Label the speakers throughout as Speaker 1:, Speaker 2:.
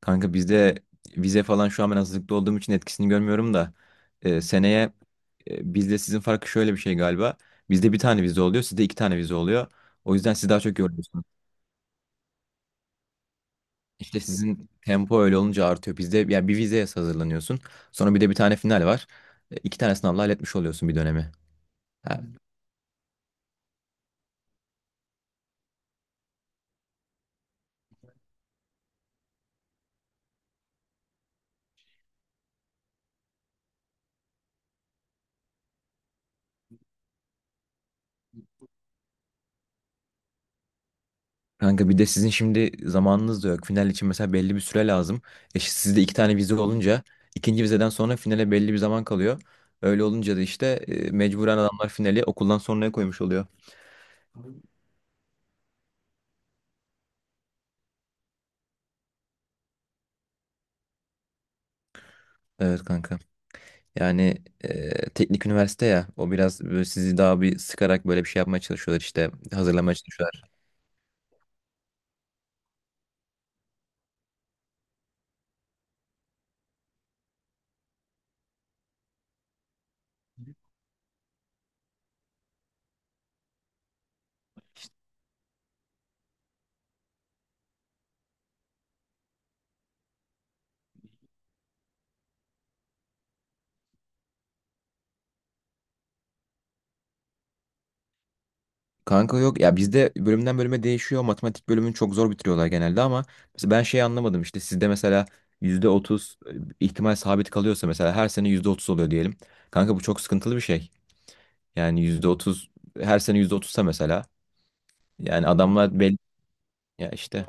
Speaker 1: Kanka bizde vize falan şu an ben hazırlıklı olduğum için etkisini görmüyorum da seneye bizde sizin farkı şöyle bir şey galiba. Bizde bir tane vize oluyor, sizde iki tane vize oluyor. O yüzden siz daha çok yoruluyorsunuz. İşte sizin tempo öyle olunca artıyor. Bizde yani bir vizeye hazırlanıyorsun. Sonra bir de bir tane final var. İki tane sınavla halletmiş oluyorsun bir dönemi. Kanka bir de sizin şimdi zamanınız da yok. Final için mesela belli bir süre lazım. Sizde iki tane vize olunca ikinci vizeden sonra finale belli bir zaman kalıyor. Öyle olunca da işte mecburen adamlar finali okuldan sonraya koymuş oluyor. Evet kanka. Yani teknik üniversite ya, o biraz böyle sizi daha bir sıkarak böyle bir şey yapmaya çalışıyorlar, işte hazırlamaya çalışıyorlar. Kanka yok ya, bizde bölümden bölüme değişiyor. Matematik bölümünü çok zor bitiriyorlar genelde ama mesela ben şey anlamadım, işte sizde mesela %30 ihtimal sabit kalıyorsa, mesela her sene %30 oluyor diyelim. Kanka bu çok sıkıntılı bir şey. Yani %30 her sene %30'sa mesela, yani adamlar belli ya işte.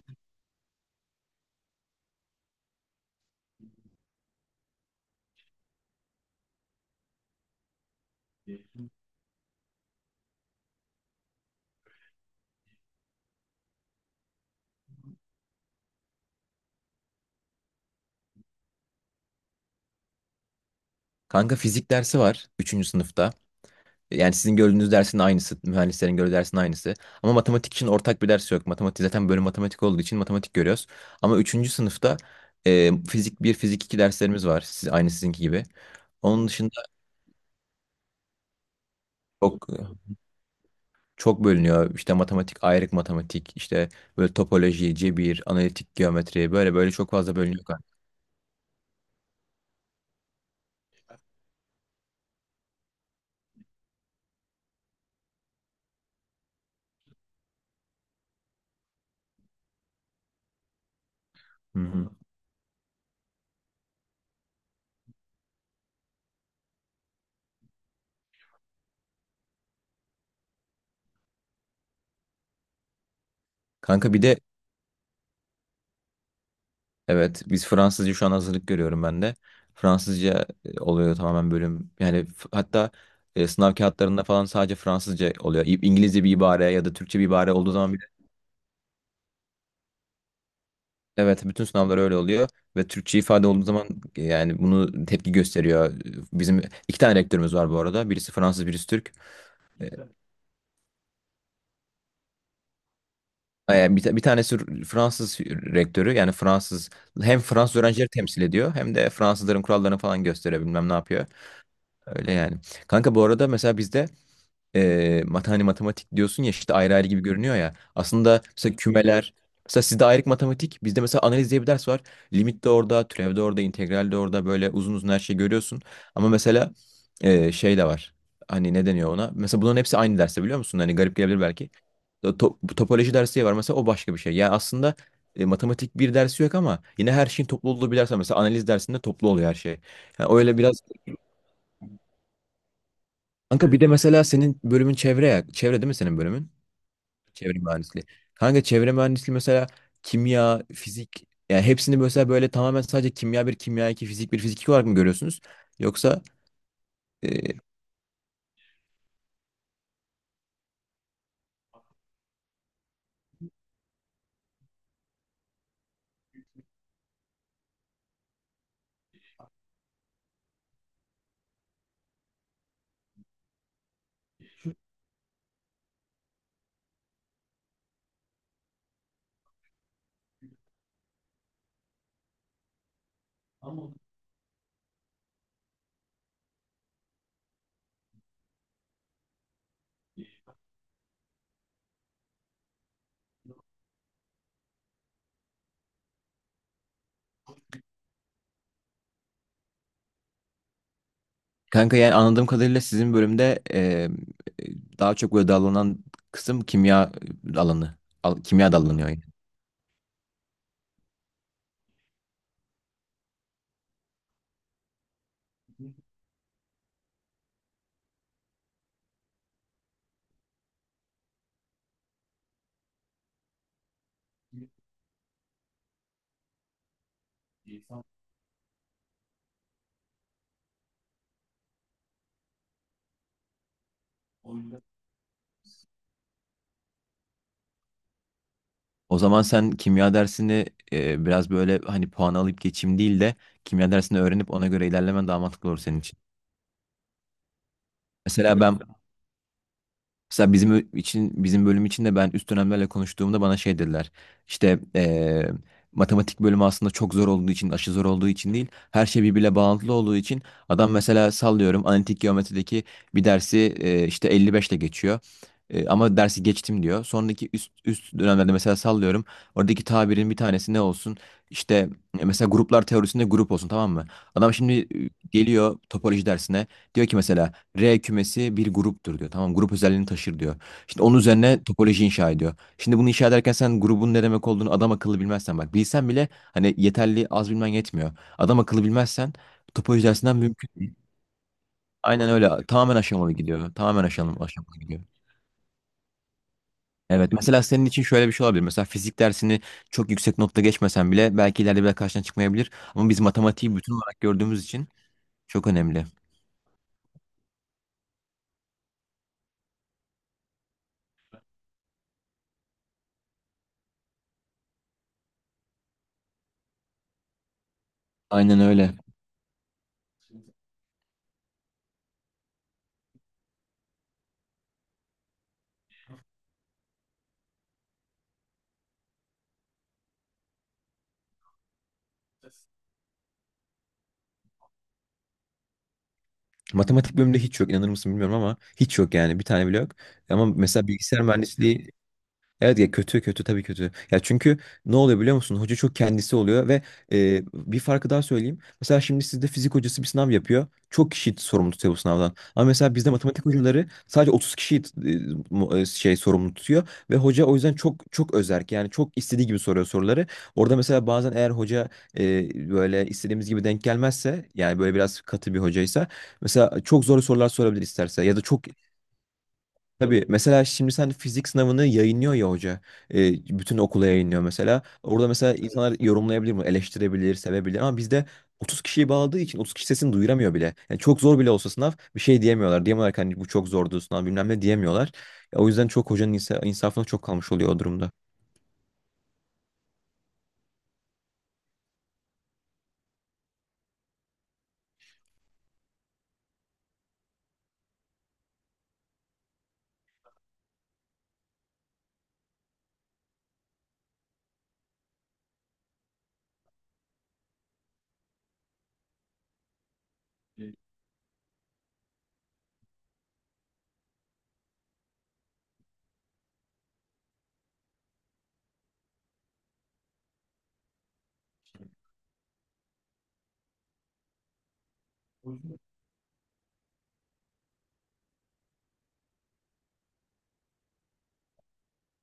Speaker 1: Kanka fizik dersi var üçüncü sınıfta. Yani sizin gördüğünüz dersin aynısı, mühendislerin gördüğü dersin aynısı. Ama matematik için ortak bir ders yok. Matematik zaten bölüm matematik olduğu için matematik görüyoruz. Ama üçüncü sınıfta fizik bir fizik 2 derslerimiz var. Siz, aynı sizinki gibi. Onun dışında çok çok bölünüyor. İşte matematik, ayrık matematik, işte böyle topoloji, cebir, analitik geometri, böyle böyle çok fazla bölünüyor kanka. Hı hı. Kanka bir de, evet, biz Fransızca şu an hazırlık görüyorum ben de. Fransızca oluyor tamamen bölüm. Yani hatta sınav kağıtlarında falan sadece Fransızca oluyor. İngilizce bir ibare ya da Türkçe bir ibare olduğu zaman bile. Evet, bütün sınavlar öyle oluyor ve Türkçe ifade olduğu zaman yani bunu tepki gösteriyor. Bizim iki tane rektörümüz var bu arada. Birisi Fransız, birisi Türk. E, Yani bir tanesi Fransız rektörü, yani Fransız hem Fransız öğrencileri temsil ediyor hem de Fransızların kurallarını falan gösteriyor, bilmem ne yapıyor. Öyle yani. Kanka bu arada mesela bizde hani matematik diyorsun ya, işte ayrı ayrı gibi görünüyor ya. Aslında mesela kümeler, mesela sizde ayrık matematik, bizde mesela analiz diye bir ders var. Limit de orada, türev de orada, integral de orada, böyle uzun uzun her şeyi görüyorsun. Ama mesela şey de var. Hani ne deniyor ona? Mesela bunların hepsi aynı derste, biliyor musun? Hani garip gelebilir belki. Bu topoloji dersi diye var mesela, o başka bir şey. Yani aslında matematik bir dersi yok ama yine her şeyin toplu olduğu bir ders var. Mesela analiz dersinde toplu oluyor her şey. Yani öyle biraz. Kanka bir de mesela senin bölümün çevre ya. Çevre değil mi senin bölümün? Çevre mühendisliği. Kanka çevre mühendisliği mesela kimya, fizik, yani hepsini mesela böyle tamamen sadece kimya bir, kimya iki, fizik bir, fizik iki olarak mı görüyorsunuz? Yoksa e, kanka yani anladığım kadarıyla sizin bölümde daha çok böyle dallanan kısım kimya alanı. Kimya dallanıyor yani. O zaman sen kimya dersini biraz böyle hani puan alıp geçeyim değil de kimya dersini öğrenip ona göre ilerlemen daha mantıklı olur senin için. Mesela ben Mesela bizim bölüm için de ben üst dönemlerle konuştuğumda bana şey dediler. İşte matematik bölümü aslında çok zor olduğu için, aşı zor olduğu için değil, her şey birbirle bağlantılı olduğu için adam mesela sallıyorum analitik geometrideki bir dersi işte 55 ile geçiyor. Ama dersi geçtim diyor. Sonraki üst üst dönemlerde mesela sallıyorum. Oradaki tabirin bir tanesi ne olsun? İşte mesela gruplar teorisinde grup olsun, tamam mı? Adam şimdi geliyor topoloji dersine. Diyor ki mesela R kümesi bir gruptur diyor. Tamam, grup özelliğini taşır diyor. Şimdi onun üzerine topoloji inşa ediyor. Şimdi bunu inşa ederken sen grubun ne demek olduğunu adam akıllı bilmezsen, bak bilsen bile hani yeterli, az bilmen yetmiyor. Adam akıllı bilmezsen topoloji dersinden mümkün değil. Aynen öyle, tamamen aşamalı gidiyor. Tamamen aşamalı, aşamalı gidiyor. Evet, mesela senin için şöyle bir şey olabilir. Mesela fizik dersini çok yüksek notla geçmesen bile belki ileride bir daha karşına çıkmayabilir. Ama biz matematiği bütün olarak gördüğümüz için çok önemli. Aynen öyle. Matematik bölümünde hiç yok, inanır mısın bilmiyorum ama hiç yok, yani bir tane bile yok. Ama mesela bilgisayar mühendisliği. Evet ya, kötü kötü, tabii kötü. Ya çünkü ne oluyor biliyor musun? Hoca çok kendisi oluyor ve bir farkı daha söyleyeyim. Mesela şimdi sizde fizik hocası bir sınav yapıyor. Çok kişi sorumlu tutuyor bu sınavdan. Ama mesela bizde matematik hocaları sadece 30 kişiyi şey sorumlu tutuyor ve hoca o yüzden çok çok özerk. Yani çok istediği gibi soruyor soruları. Orada mesela bazen eğer hoca böyle istediğimiz gibi denk gelmezse, yani böyle biraz katı bir hocaysa mesela çok zor sorular sorabilir isterse, ya da çok. Tabii mesela şimdi sen fizik sınavını yayınlıyor ya hoca. Bütün okula yayınlıyor mesela. Orada mesela, evet, insanlar yorumlayabilir mi? Eleştirebilir, sevebilir ama bizde 30 kişiyi bağladığı için 30 kişi sesini duyuramıyor bile. Yani çok zor bile olsa sınav, bir şey diyemiyorlar. Diyemiyorlar ki hani bu çok zordu sınav, bilmem ne diyemiyorlar. Ya o yüzden çok hocanın insafına çok kalmış oluyor o durumda.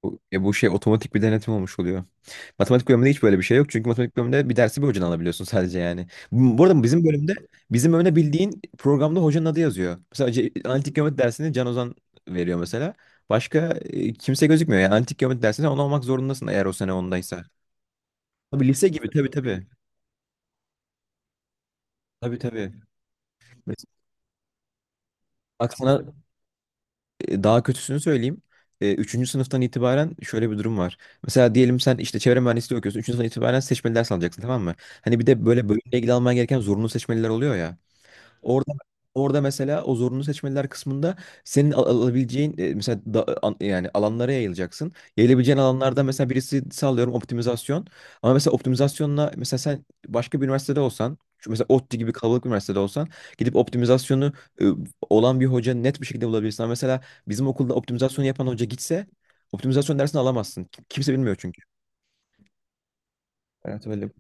Speaker 1: Ya bu şey, otomatik bir denetim olmuş oluyor. Matematik bölümünde hiç böyle bir şey yok. Çünkü matematik bölümünde bir dersi bir hocadan alabiliyorsun sadece, yani. Bu arada bizim bölümde bildiğin programda hocanın adı yazıyor. Mesela analitik geometri dersini Can Ozan veriyor mesela. Başka kimse gözükmüyor. Yani analitik geometri dersinde onu olmak zorundasın eğer o sene ondaysa. Tabii, lise gibi, tabii tabii. Tabii tabii. Mes- Bak sana daha kötüsünü söyleyeyim. Üçüncü sınıftan itibaren şöyle bir durum var. Mesela diyelim sen işte çevre mühendisliği okuyorsun. Üçüncü sınıftan itibaren seçmeli ders alacaksın, tamam mı? Hani bir de böyle bölümle ilgili alman gereken zorunlu seçmeliler oluyor ya. Orada Orada mesela o zorunlu seçmeliler kısmında senin alabileceğin mesela yani alanlara yayılacaksın. Yayılabileceğin alanlarda mesela birisi sağlıyorum optimizasyon. Ama mesela optimizasyonla, mesela sen başka bir üniversitede olsan, şu mesela ODTÜ gibi kalabalık bir üniversitede olsan gidip optimizasyonu e, olan bir hoca net bir şekilde bulabilirsin. Ama mesela bizim okulda optimizasyonu yapan hoca gitse optimizasyon dersini alamazsın. Kimse bilmiyor çünkü. Evet öyle.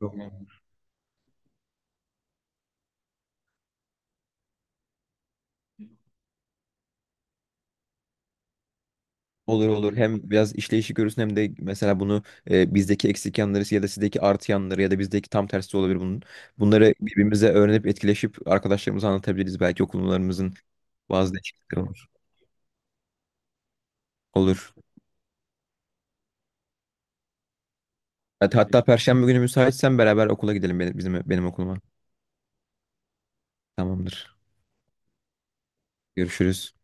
Speaker 1: Olur olur. Hem biraz işleyişi görürsün hem de mesela bunu bizdeki eksik yanları ya da sizdeki artı yanları, ya da bizdeki tam tersi de olabilir bunun. Bunları birbirimize öğrenip etkileşip arkadaşlarımıza anlatabiliriz. Belki okullarımızın bazı değişiklikleri olur. Olur. Hatta Perşembe günü müsaitsen beraber okula gidelim, benim okuluma. Tamamdır. Görüşürüz.